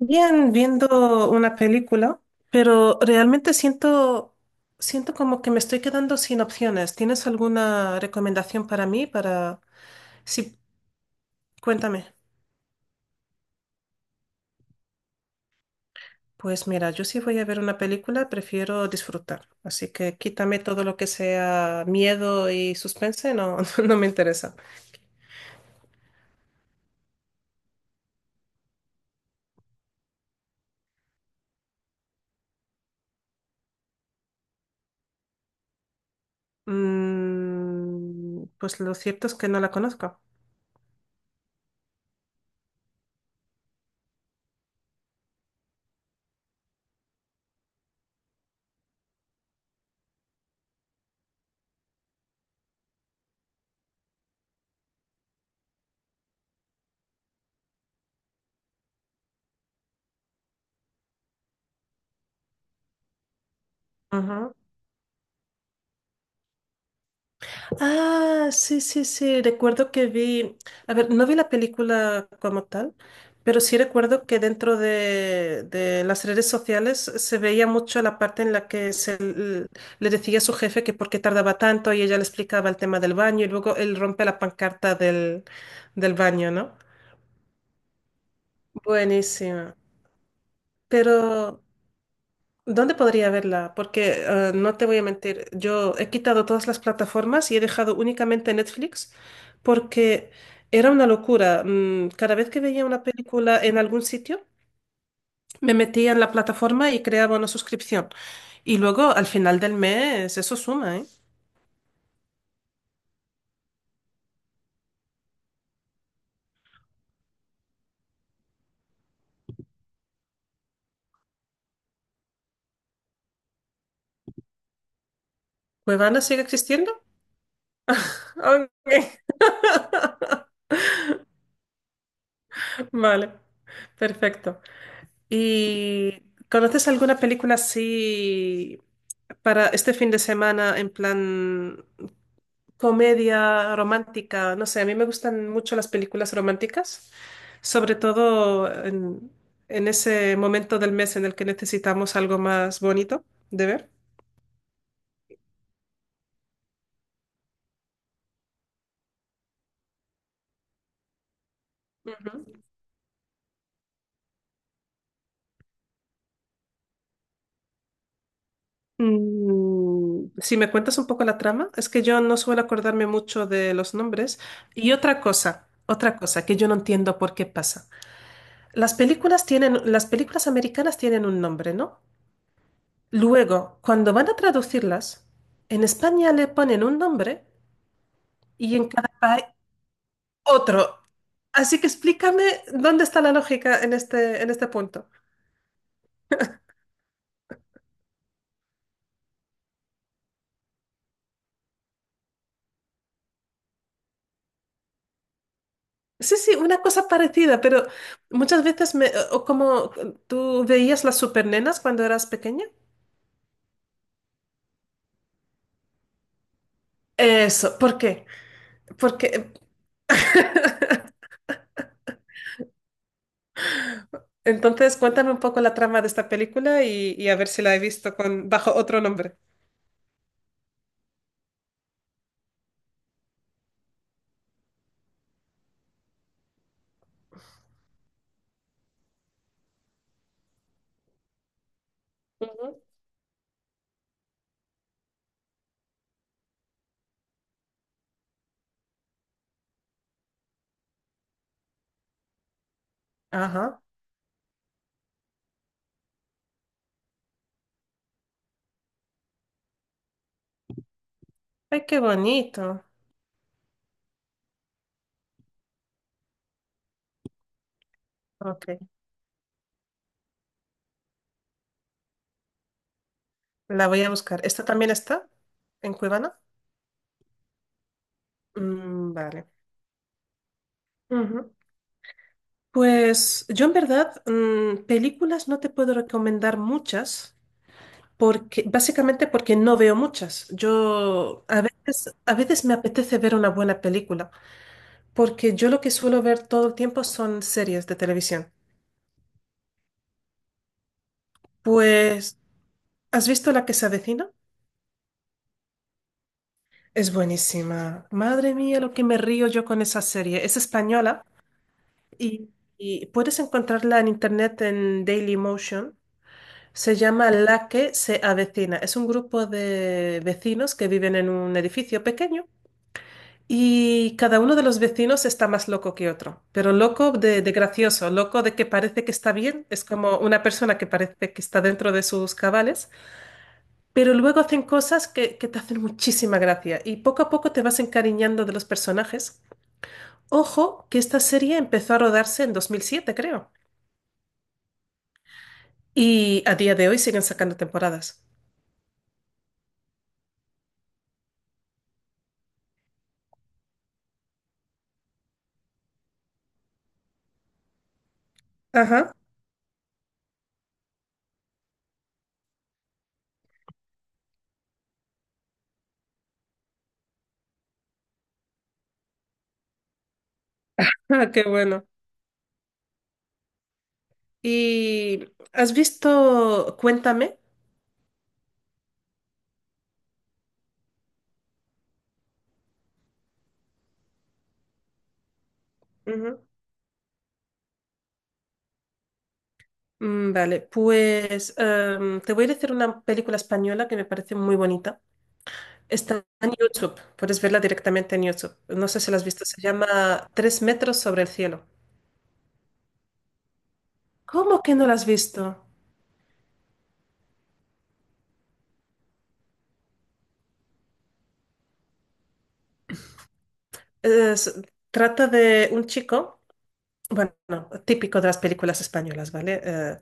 Bien, viendo una película, pero realmente siento como que me estoy quedando sin opciones. ¿Tienes alguna recomendación para mí? Sí, cuéntame. Pues mira, yo si voy a ver una película, prefiero disfrutar. Así que quítame todo lo que sea miedo y suspense, no, no me interesa. Pues lo cierto es que no la conozco. Ujú. Ah, sí, sí, sí. Recuerdo que vi, a ver, no vi la película como tal, pero sí recuerdo que dentro de las redes sociales se veía mucho la parte en la que se le decía a su jefe que por qué tardaba tanto y ella le explicaba el tema del baño y luego él rompe la pancarta del baño, ¿no? Buenísima. Pero, ¿dónde podría verla? Porque no te voy a mentir, yo he quitado todas las plataformas y he dejado únicamente Netflix porque era una locura. Cada vez que veía una película en algún sitio, me metía en la plataforma y creaba una suscripción. Y luego al final del mes eso suma, ¿eh? ¿Cuevana sigue existiendo? Ok, vale, perfecto. ¿Y conoces alguna película así para este fin de semana en plan comedia romántica, no sé, a mí me gustan mucho las películas románticas, sobre todo en ese momento del mes en el que necesitamos algo más bonito de ver. Ujú. Si me cuentas un poco la trama, es que yo no suelo acordarme mucho de los nombres. Y otra cosa que yo no entiendo por qué pasa. Las películas americanas tienen un nombre, ¿no? Luego, cuando van a traducirlas, en España le ponen un nombre y en cada país otro. Así que explícame dónde está la lógica en este punto. Sí, sí, una cosa parecida, pero muchas veces me, o como tú veías las supernenas cuando eras pequeña. Eso, ¿por qué? Porque entonces cuéntame un poco la trama de esta película y a ver si la he visto con, bajo otro nombre. Ujú. Ajá. Ay, qué bonito. Ok, la voy a buscar. ¿Esta también está en Cuevana? Mm, vale. Pues yo en verdad, películas no te puedo recomendar muchas, porque, básicamente porque no veo muchas. Yo a veces me apetece ver una buena película, porque yo lo que suelo ver todo el tiempo son series de televisión. Pues, ¿has visto La que se avecina? Es buenísima. Madre mía, lo que me río yo con esa serie. Es española y, y puedes encontrarla en internet en Dailymotion. Se llama La que se avecina. Es un grupo de vecinos que viven en un edificio pequeño y cada uno de los vecinos está más loco que otro, pero loco de gracioso, loco de que parece que está bien, es como una persona que parece que está dentro de sus cabales, pero luego hacen cosas que te hacen muchísima gracia y poco a poco te vas encariñando de los personajes. Ojo que esta serie empezó a rodarse en 2007 creo, y a día de hoy siguen sacando temporadas. Ajá, Ah, qué bueno. ¿Y has visto Cuéntame? Ujú. Mm, vale, pues te voy a decir una película española que me parece muy bonita. Está en YouTube, puedes verla directamente en YouTube. No sé si la has visto, se llama Tres metros sobre el cielo. ¿Cómo que no la has visto? Es- Trata de un chico, bueno, típico de las películas españolas, ¿vale?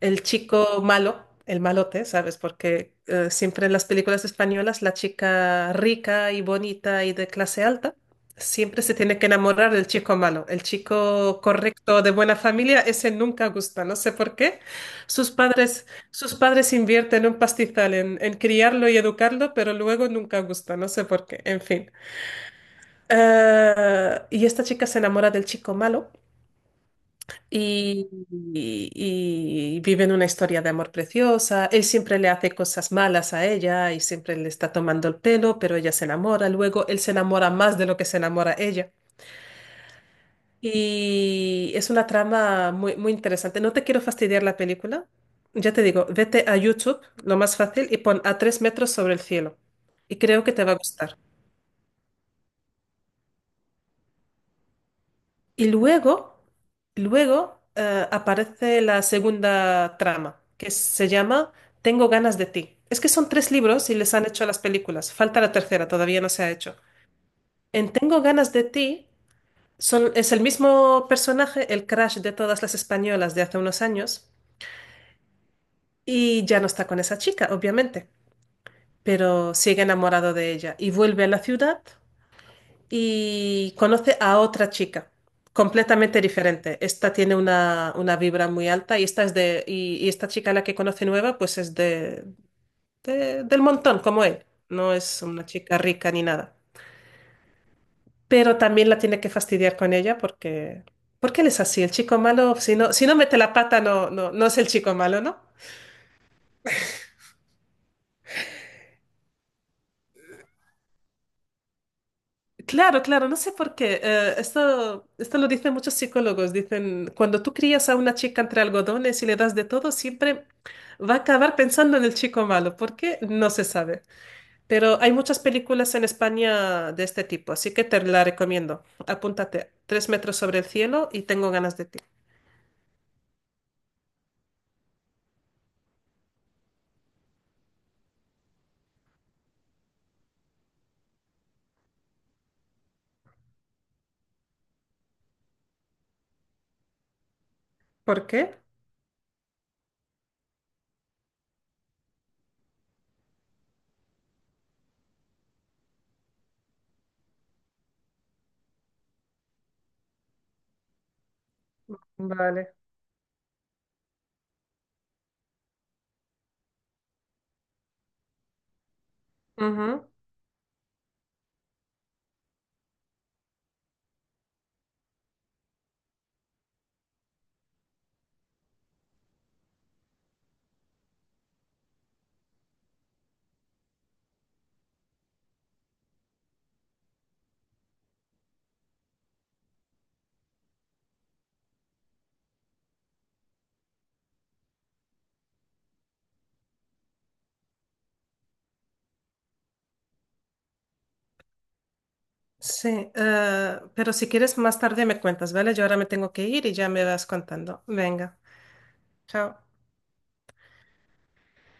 El chico malo, el malote, ¿sabes? Porque siempre en las películas españolas la chica rica y bonita y de clase alta siempre se tiene que enamorar del chico malo. El chico correcto de buena familia, ese nunca gusta, no sé por qué. Sus padres, sus padres invierten un pastizal en criarlo y educarlo, pero luego nunca gusta, no sé por qué. En fin. Y esta chica se enamora del chico malo y, y viven una historia de amor preciosa. Él siempre le hace cosas malas a ella y siempre le está tomando el pelo, pero ella se enamora. Luego él se enamora más de lo que se enamora ella. Y es una trama muy, muy interesante. No te quiero fastidiar la película. Ya te digo, vete a YouTube, lo más fácil, y pon a tres metros sobre el cielo. Y creo que te va a gustar. Y luego, aparece la segunda trama, que se llama Tengo ganas de ti. Es que son tres libros y les han hecho las películas. Falta la tercera, todavía no se ha hecho. En Tengo ganas de ti son, es el mismo personaje, el crush de todas las españolas de hace unos años, y ya no está con esa chica, obviamente, pero sigue enamorado de ella y vuelve a la ciudad y conoce a otra chica completamente diferente. Esta tiene una vibra muy alta y esta es de y esta chica a la que conoce nueva pues es del montón como él. No es una chica rica ni nada. Pero también la tiene que fastidiar con ella porque él es así. El chico malo, si no mete la pata no es el chico malo, ¿no? Claro, claro, no sé por qué. Esto lo dicen muchos psicólogos. Dicen, cuando tú crías a una chica entre algodones y le das de todo, siempre va a acabar pensando en el chico malo. ¿Por qué? No se sabe. Pero hay muchas películas en España de este tipo, así que te la recomiendo. Apúntate, Tres metros sobre el cielo y tengo ganas de ti. ¿Por qué? Vale. Ujú. Sí, pero si quieres más tarde me cuentas, ¿vale? Yo ahora me tengo que ir y ya me vas contando. Venga, chao.